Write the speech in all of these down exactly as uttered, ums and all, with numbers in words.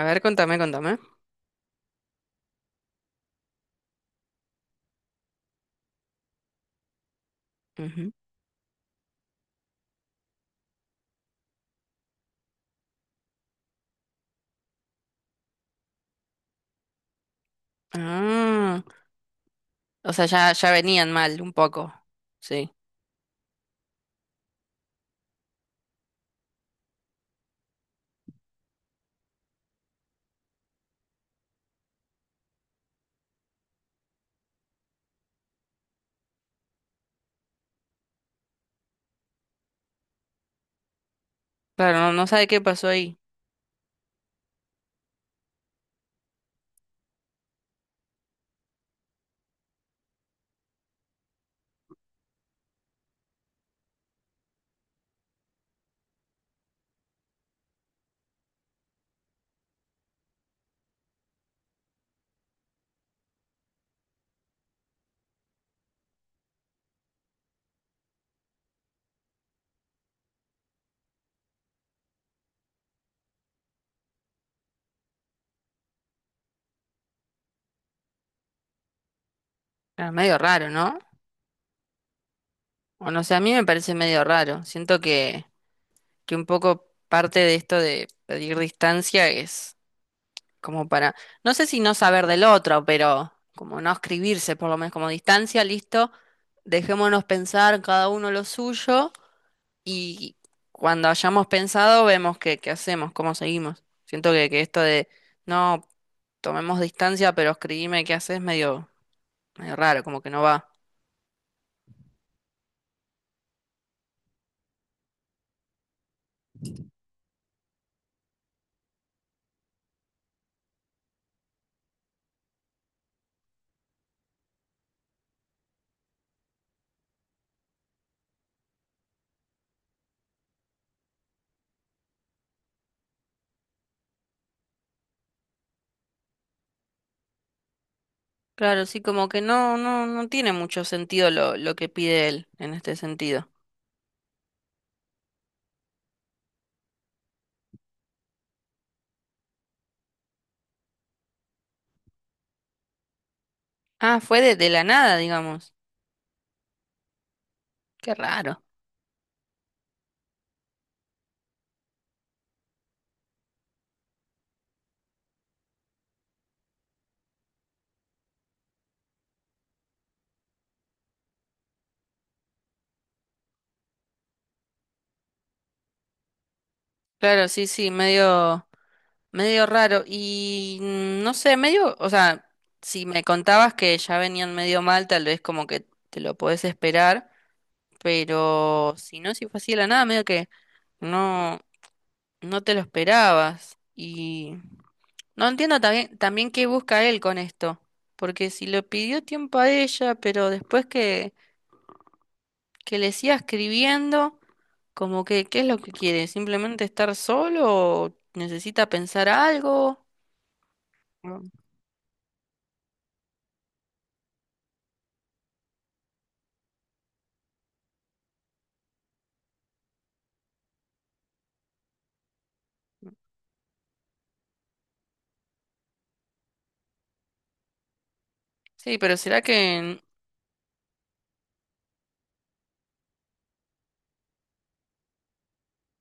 A ver, contame, contame. Ujú. Ah, o sea, ya, ya venían mal un poco. Sí. Claro, no, no sabe qué pasó ahí. Era medio raro, ¿no? O no sé, a mí me parece medio raro. Siento que, que un poco parte de esto de pedir distancia es como para, no sé si no saber del otro, pero como no escribirse, por lo menos como distancia, listo, dejémonos pensar cada uno lo suyo. Y cuando hayamos pensado, vemos qué, qué hacemos, cómo seguimos. Siento que, que esto de no tomemos distancia, pero escribime qué haces, medio, medio raro, como que no va. Claro, sí, como que no, no, no tiene mucho sentido lo, lo que pide él en este sentido. Ah, fue de, de la nada, digamos. Qué raro. Claro, sí, sí, medio, medio raro. Y mm, no sé, medio, o sea, si me contabas que ya venían medio mal, tal vez como que te lo podés esperar. Pero si no, si fue así de la nada, medio que no, no te lo esperabas. Y no entiendo también, también qué busca él con esto. Porque si lo pidió tiempo a ella, pero después que, que le siga escribiendo, como que, ¿qué es lo que quiere? ¿Simplemente estar solo o necesita pensar algo? Mm. Sí, pero ¿será que...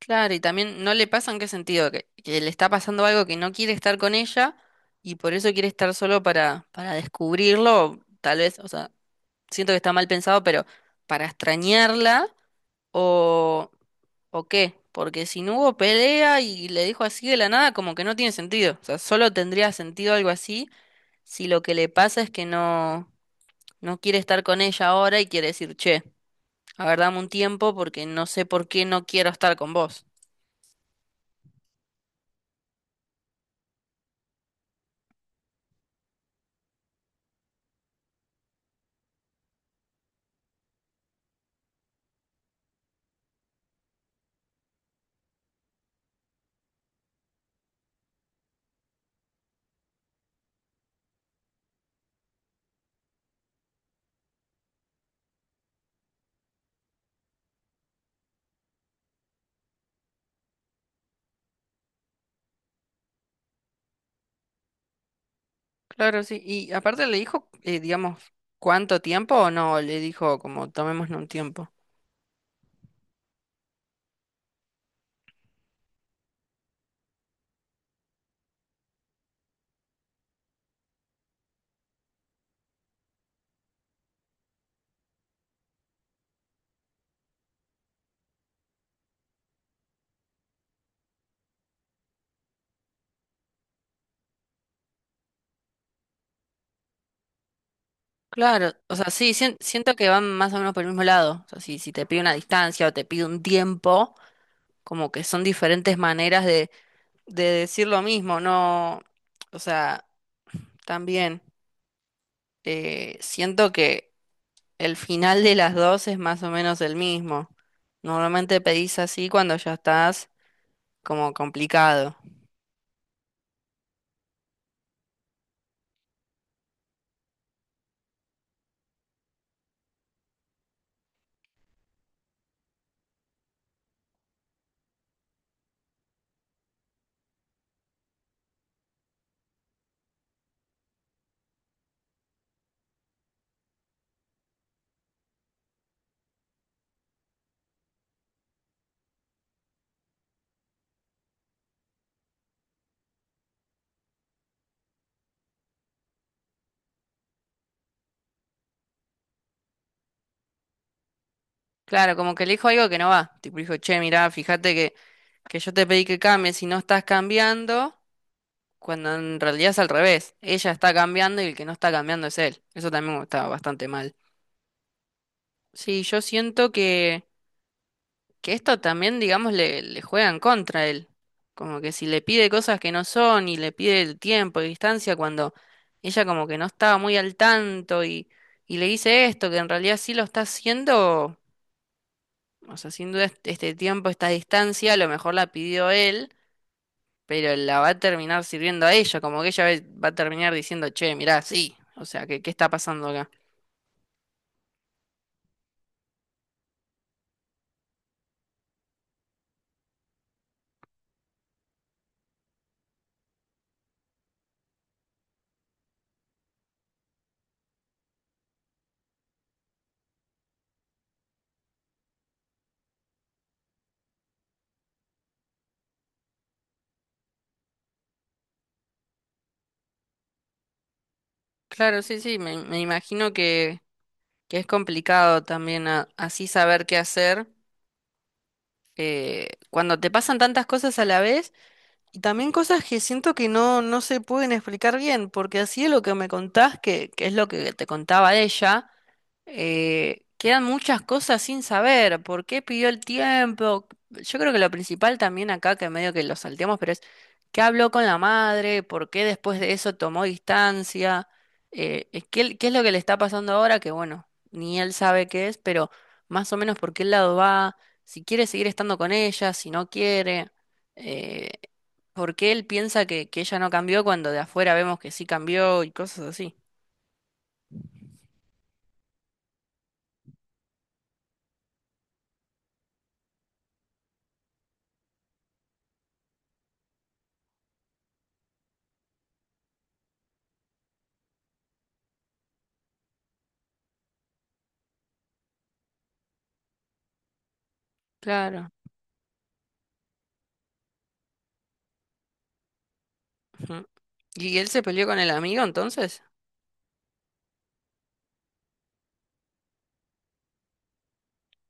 Claro, y también no le pasa en qué sentido, que, que le está pasando algo que no quiere estar con ella y por eso quiere estar solo para, para descubrirlo, tal vez, o sea, siento que está mal pensado, pero para extrañarla o, o qué, porque si no hubo pelea y le dijo así de la nada, como que no tiene sentido, o sea, solo tendría sentido algo así si lo que le pasa es que no, no quiere estar con ella ahora y quiere decir, che, a ver, dame un tiempo porque no sé por qué no quiero estar con vos. Claro, sí. Y aparte le dijo, eh, digamos, cuánto tiempo o no, le dijo como tomémonos un tiempo. Claro, o sea, sí, sien- siento que van más o menos por el mismo lado. O sea, si, si te pide una distancia o te pide un tiempo, como que son diferentes maneras de, de decir lo mismo, ¿no? O sea, también eh, siento que el final de las dos es más o menos el mismo. Normalmente pedís así cuando ya estás como complicado. Claro, como que le dijo algo que no va. Tipo, dijo, che, mirá, fíjate que, que yo te pedí que cambies y no estás cambiando, cuando en realidad es al revés. Ella está cambiando y el que no está cambiando es él. Eso también está bastante mal. Sí, yo siento que, que esto también, digamos, le, le juega en contra a él. Como que si le pide cosas que no son y le pide el tiempo y distancia cuando ella como que no estaba muy al tanto y, y le dice esto, que en realidad sí lo está haciendo. O sea, sin duda este este tiempo, esta distancia, a lo mejor la pidió él, pero la va a terminar sirviendo a ella, como que ella ve- va a terminar diciendo, che, mirá, sí, o sea, ¿qué, qué está pasando acá? Claro, sí, sí, me, me imagino que, que es complicado también a- así saber qué hacer. Eh, cuando te pasan tantas cosas a la vez. Y también cosas que siento que no, no se pueden explicar bien, porque así es lo que me contás, que, que es lo que te contaba ella, eh, quedan muchas cosas sin saber. ¿Por qué pidió el tiempo? Yo creo que lo principal también acá, que medio que lo salteamos, pero es qué habló con la madre, por qué después de eso tomó distancia, eh, es qué, qué es lo que le está pasando ahora, que bueno, ni él sabe qué es, pero más o menos por qué lado va, si quiere seguir estando con ella, si no quiere. eh, por qué él piensa que, que ella no cambió cuando de afuera vemos que sí cambió y cosas así. Claro. Ujú. ¿Y él se peleó con el amigo entonces?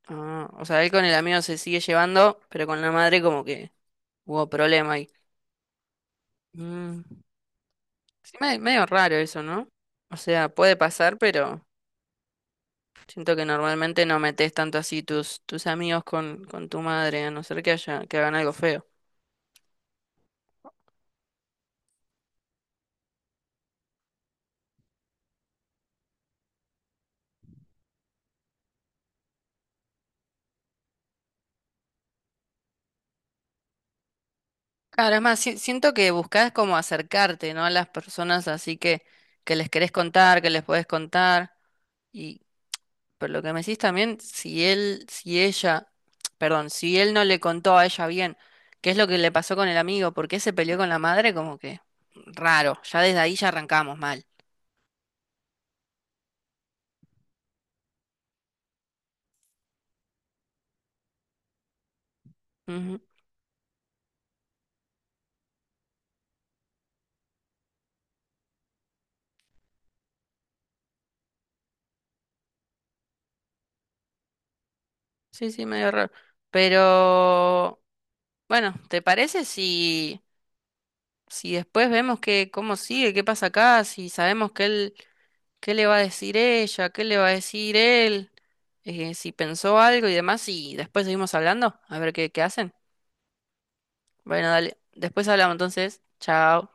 Ah, o sea, él con el amigo se sigue llevando, pero con la madre como que hubo problema ahí. Mm. Sí, me- medio raro eso, ¿no? O sea, puede pasar, pero siento que normalmente no metes tanto así tus, tus amigos con, con tu madre, a no ser que haya, que hagan algo feo. Claro, es más, si- siento que buscás como acercarte, ¿no? A las personas así que, que les querés contar, que les podés contar. Y, pero lo que me decís también, si él, si ella, perdón, si él no le contó a ella bien qué es lo que le pasó con el amigo, por qué se peleó con la madre, como que raro, ya desde ahí ya arrancamos mal. Ujú. Sí, sí, medio raro. Pero, bueno, ¿te parece si, si después vemos que, cómo sigue, qué pasa acá, si sabemos que él... ¿Qué le va a decir ella? ¿Qué le va a decir él? Eh, si pensó algo y demás, y después seguimos hablando, a ver qué, qué hacen. Bueno, dale, después hablamos entonces. Chao.